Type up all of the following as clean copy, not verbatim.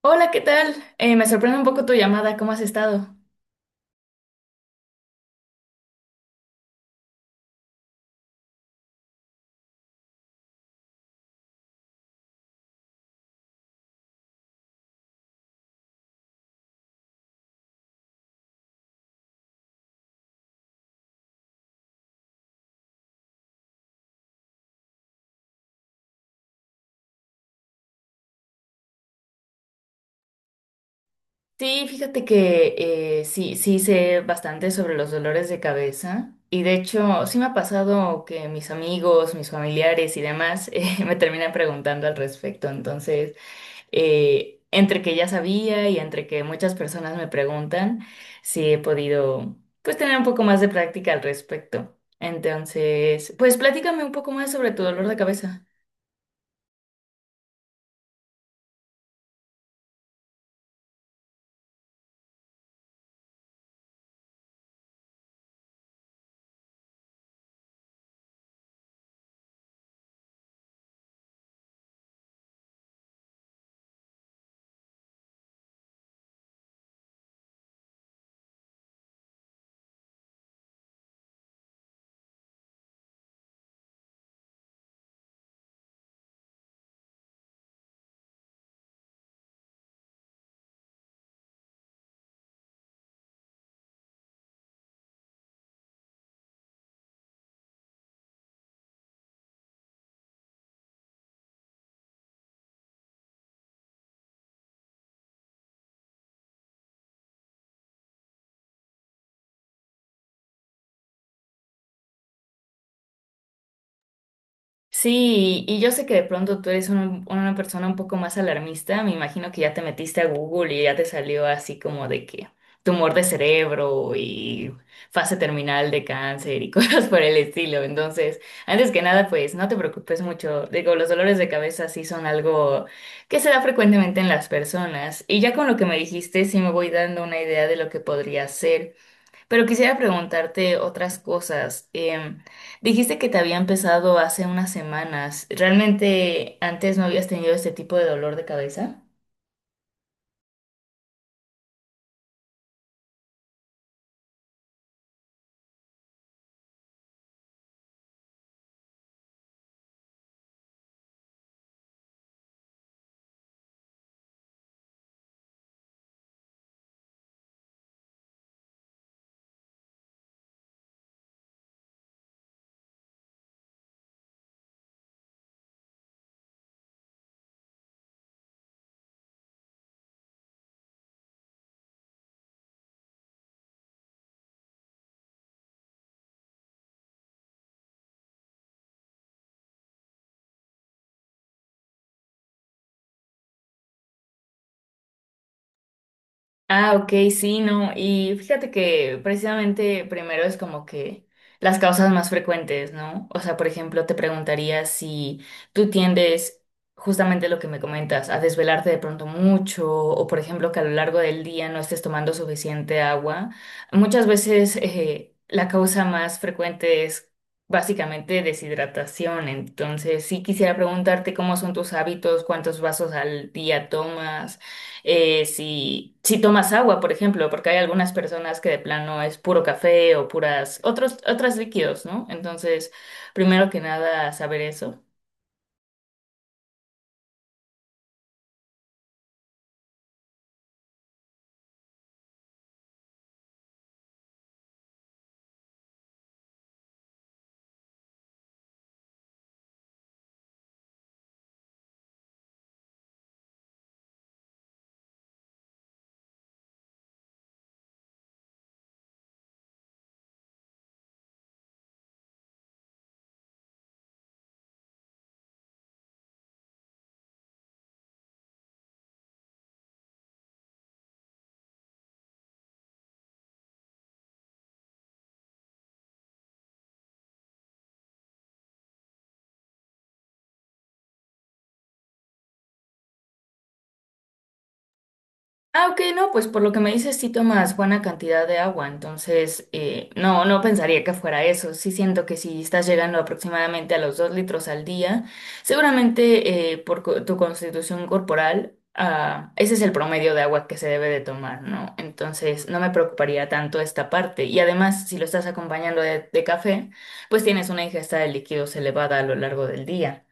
Hola, ¿qué tal? Me sorprende un poco tu llamada, ¿cómo has estado? Sí, fíjate que sí, sí sé bastante sobre los dolores de cabeza y de hecho sí me ha pasado que mis amigos, mis familiares y demás me terminan preguntando al respecto. Entonces, entre que ya sabía y entre que muchas personas me preguntan, sí he podido pues tener un poco más de práctica al respecto. Entonces, pues platícame un poco más sobre tu dolor de cabeza. Sí, y yo sé que de pronto tú eres una persona un poco más alarmista. Me imagino que ya te metiste a Google y ya te salió así como de que tumor de cerebro y fase terminal de cáncer y cosas por el estilo. Entonces, antes que nada, pues no te preocupes mucho. Digo, los dolores de cabeza sí son algo que se da frecuentemente en las personas. Y ya con lo que me dijiste, sí me voy dando una idea de lo que podría ser. Pero quisiera preguntarte otras cosas. Dijiste que te había empezado hace unas semanas. ¿Realmente antes no habías tenido este tipo de dolor de cabeza? Ah, ok, sí, no. Y fíjate que precisamente primero es como que las causas más frecuentes, ¿no? O sea, por ejemplo, te preguntaría si tú tiendes justamente lo que me comentas, a desvelarte de pronto mucho, o por ejemplo que a lo largo del día no estés tomando suficiente agua. Muchas veces la causa más frecuente es básicamente deshidratación. Entonces, sí quisiera preguntarte cómo son tus hábitos, cuántos vasos al día tomas, si, si tomas agua, por ejemplo, porque hay algunas personas que de plano es puro café o puras, otros, otros líquidos, ¿no? Entonces, primero que nada, saber eso. Ah, ok, no, pues por lo que me dices sí tomas buena cantidad de agua, entonces no, no pensaría que fuera eso. Sí siento que si estás llegando aproximadamente a los 2 litros al día, seguramente por tu constitución corporal, ah, ese es el promedio de agua que se debe de tomar, ¿no? Entonces no me preocuparía tanto esta parte. Y además, si lo estás acompañando de café, pues tienes una ingesta de líquidos elevada a lo largo del día.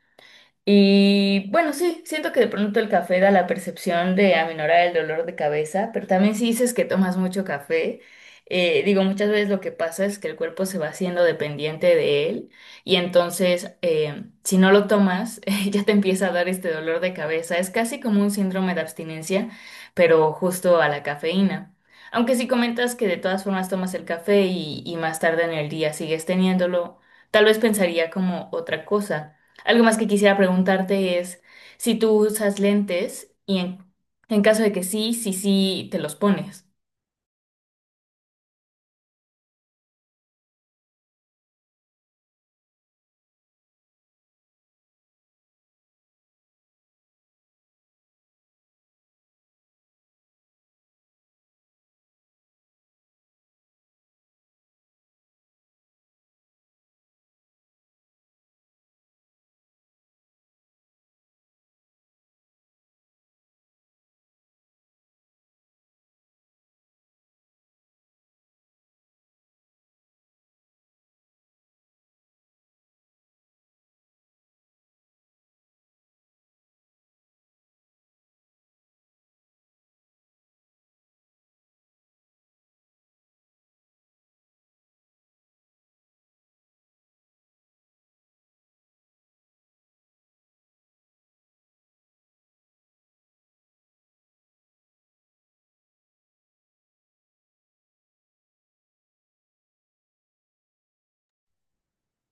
Y bueno, sí, siento que de pronto el café da la percepción de aminorar el dolor de cabeza, pero también si dices que tomas mucho café, digo, muchas veces lo que pasa es que el cuerpo se va haciendo dependiente de él y entonces, si no lo tomas, ya te empieza a dar este dolor de cabeza. Es casi como un síndrome de abstinencia, pero justo a la cafeína. Aunque si comentas que de todas formas tomas el café y más tarde en el día sigues teniéndolo, tal vez pensaría como otra cosa. Algo más que quisiera preguntarte es si tú usas lentes y en caso de que sí, sí, sí, te los pones.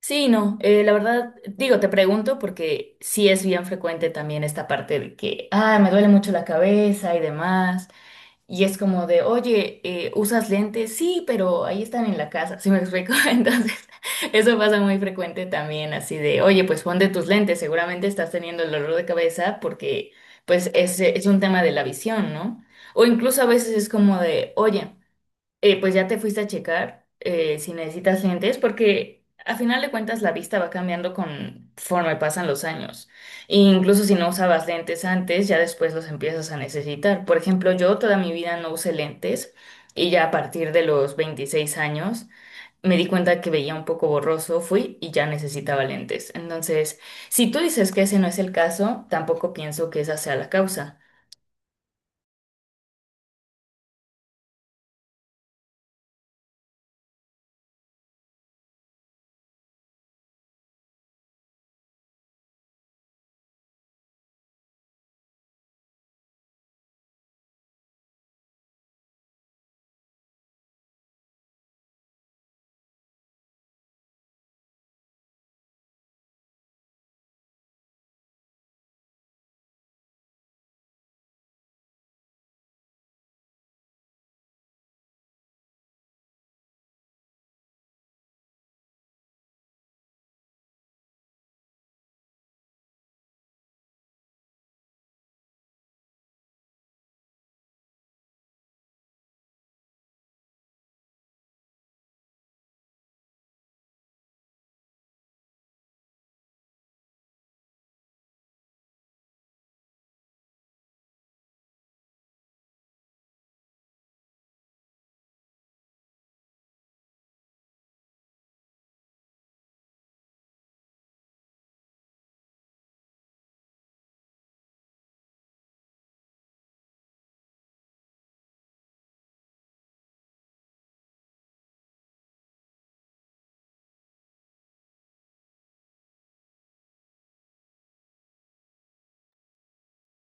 Sí, no, la verdad, digo, te pregunto porque sí es bien frecuente también esta parte de que, ah, me duele mucho la cabeza y demás. Y es como de, oye, ¿usas lentes? Sí, pero ahí están en la casa, ¿sí me explico? Entonces, eso pasa muy frecuente también, así de, oye, pues pon de tus lentes, seguramente estás teniendo el dolor de cabeza porque, pues, es un tema de la visión, ¿no? O incluso a veces es como de, oye, pues ya te fuiste a checar si necesitas lentes, porque a final de cuentas la vista va cambiando conforme pasan los años. E incluso si no usabas lentes antes, ya después los empiezas a necesitar. Por ejemplo, yo toda mi vida no usé lentes y ya a partir de los 26 años me di cuenta que veía un poco borroso, fui y ya necesitaba lentes. Entonces, si tú dices que ese no es el caso, tampoco pienso que esa sea la causa.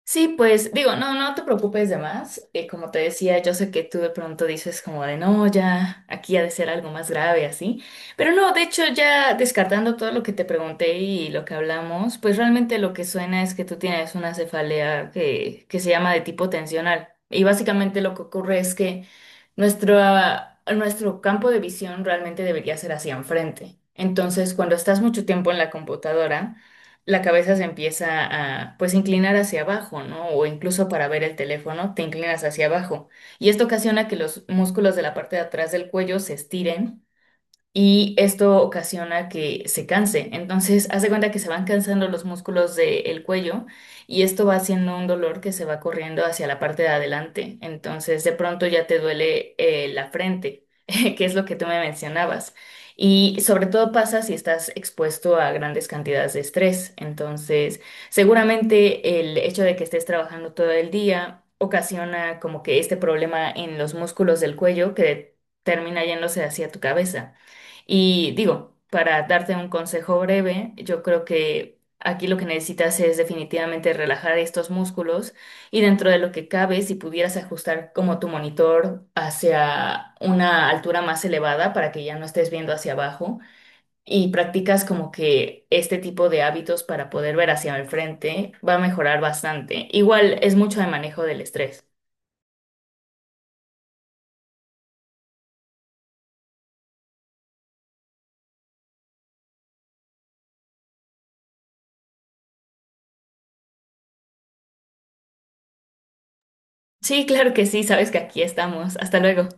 Sí, pues digo, no, no te preocupes de más. Como te decía, yo sé que tú de pronto dices como de no, ya aquí ha de ser algo más grave así. Pero no, de hecho ya descartando todo lo que te pregunté y lo que hablamos, pues realmente lo que suena es que tú tienes una cefalea que se llama de tipo tensional. Y básicamente lo que ocurre es que nuestra, nuestro campo de visión realmente debería ser hacia enfrente. Entonces, cuando estás mucho tiempo en la computadora, la cabeza se empieza a pues inclinar hacia abajo, ¿no? O incluso para ver el teléfono te inclinas hacia abajo. Y esto ocasiona que los músculos de la parte de atrás del cuello se estiren y esto ocasiona que se canse. Entonces, haz de cuenta que se van cansando los músculos del cuello y esto va haciendo un dolor que se va corriendo hacia la parte de adelante. Entonces, de pronto ya te duele, la frente, que es lo que tú me mencionabas. Y sobre todo pasa si estás expuesto a grandes cantidades de estrés. Entonces, seguramente el hecho de que estés trabajando todo el día ocasiona como que este problema en los músculos del cuello que termina yéndose hacia tu cabeza. Y digo, para darte un consejo breve, yo creo que aquí lo que necesitas es definitivamente relajar estos músculos y dentro de lo que cabe, si pudieras ajustar como tu monitor hacia una altura más elevada para que ya no estés viendo hacia abajo y practicas como que este tipo de hábitos para poder ver hacia el frente va a mejorar bastante. Igual es mucho de manejo del estrés. Sí, claro que sí, sabes que aquí estamos. Hasta luego.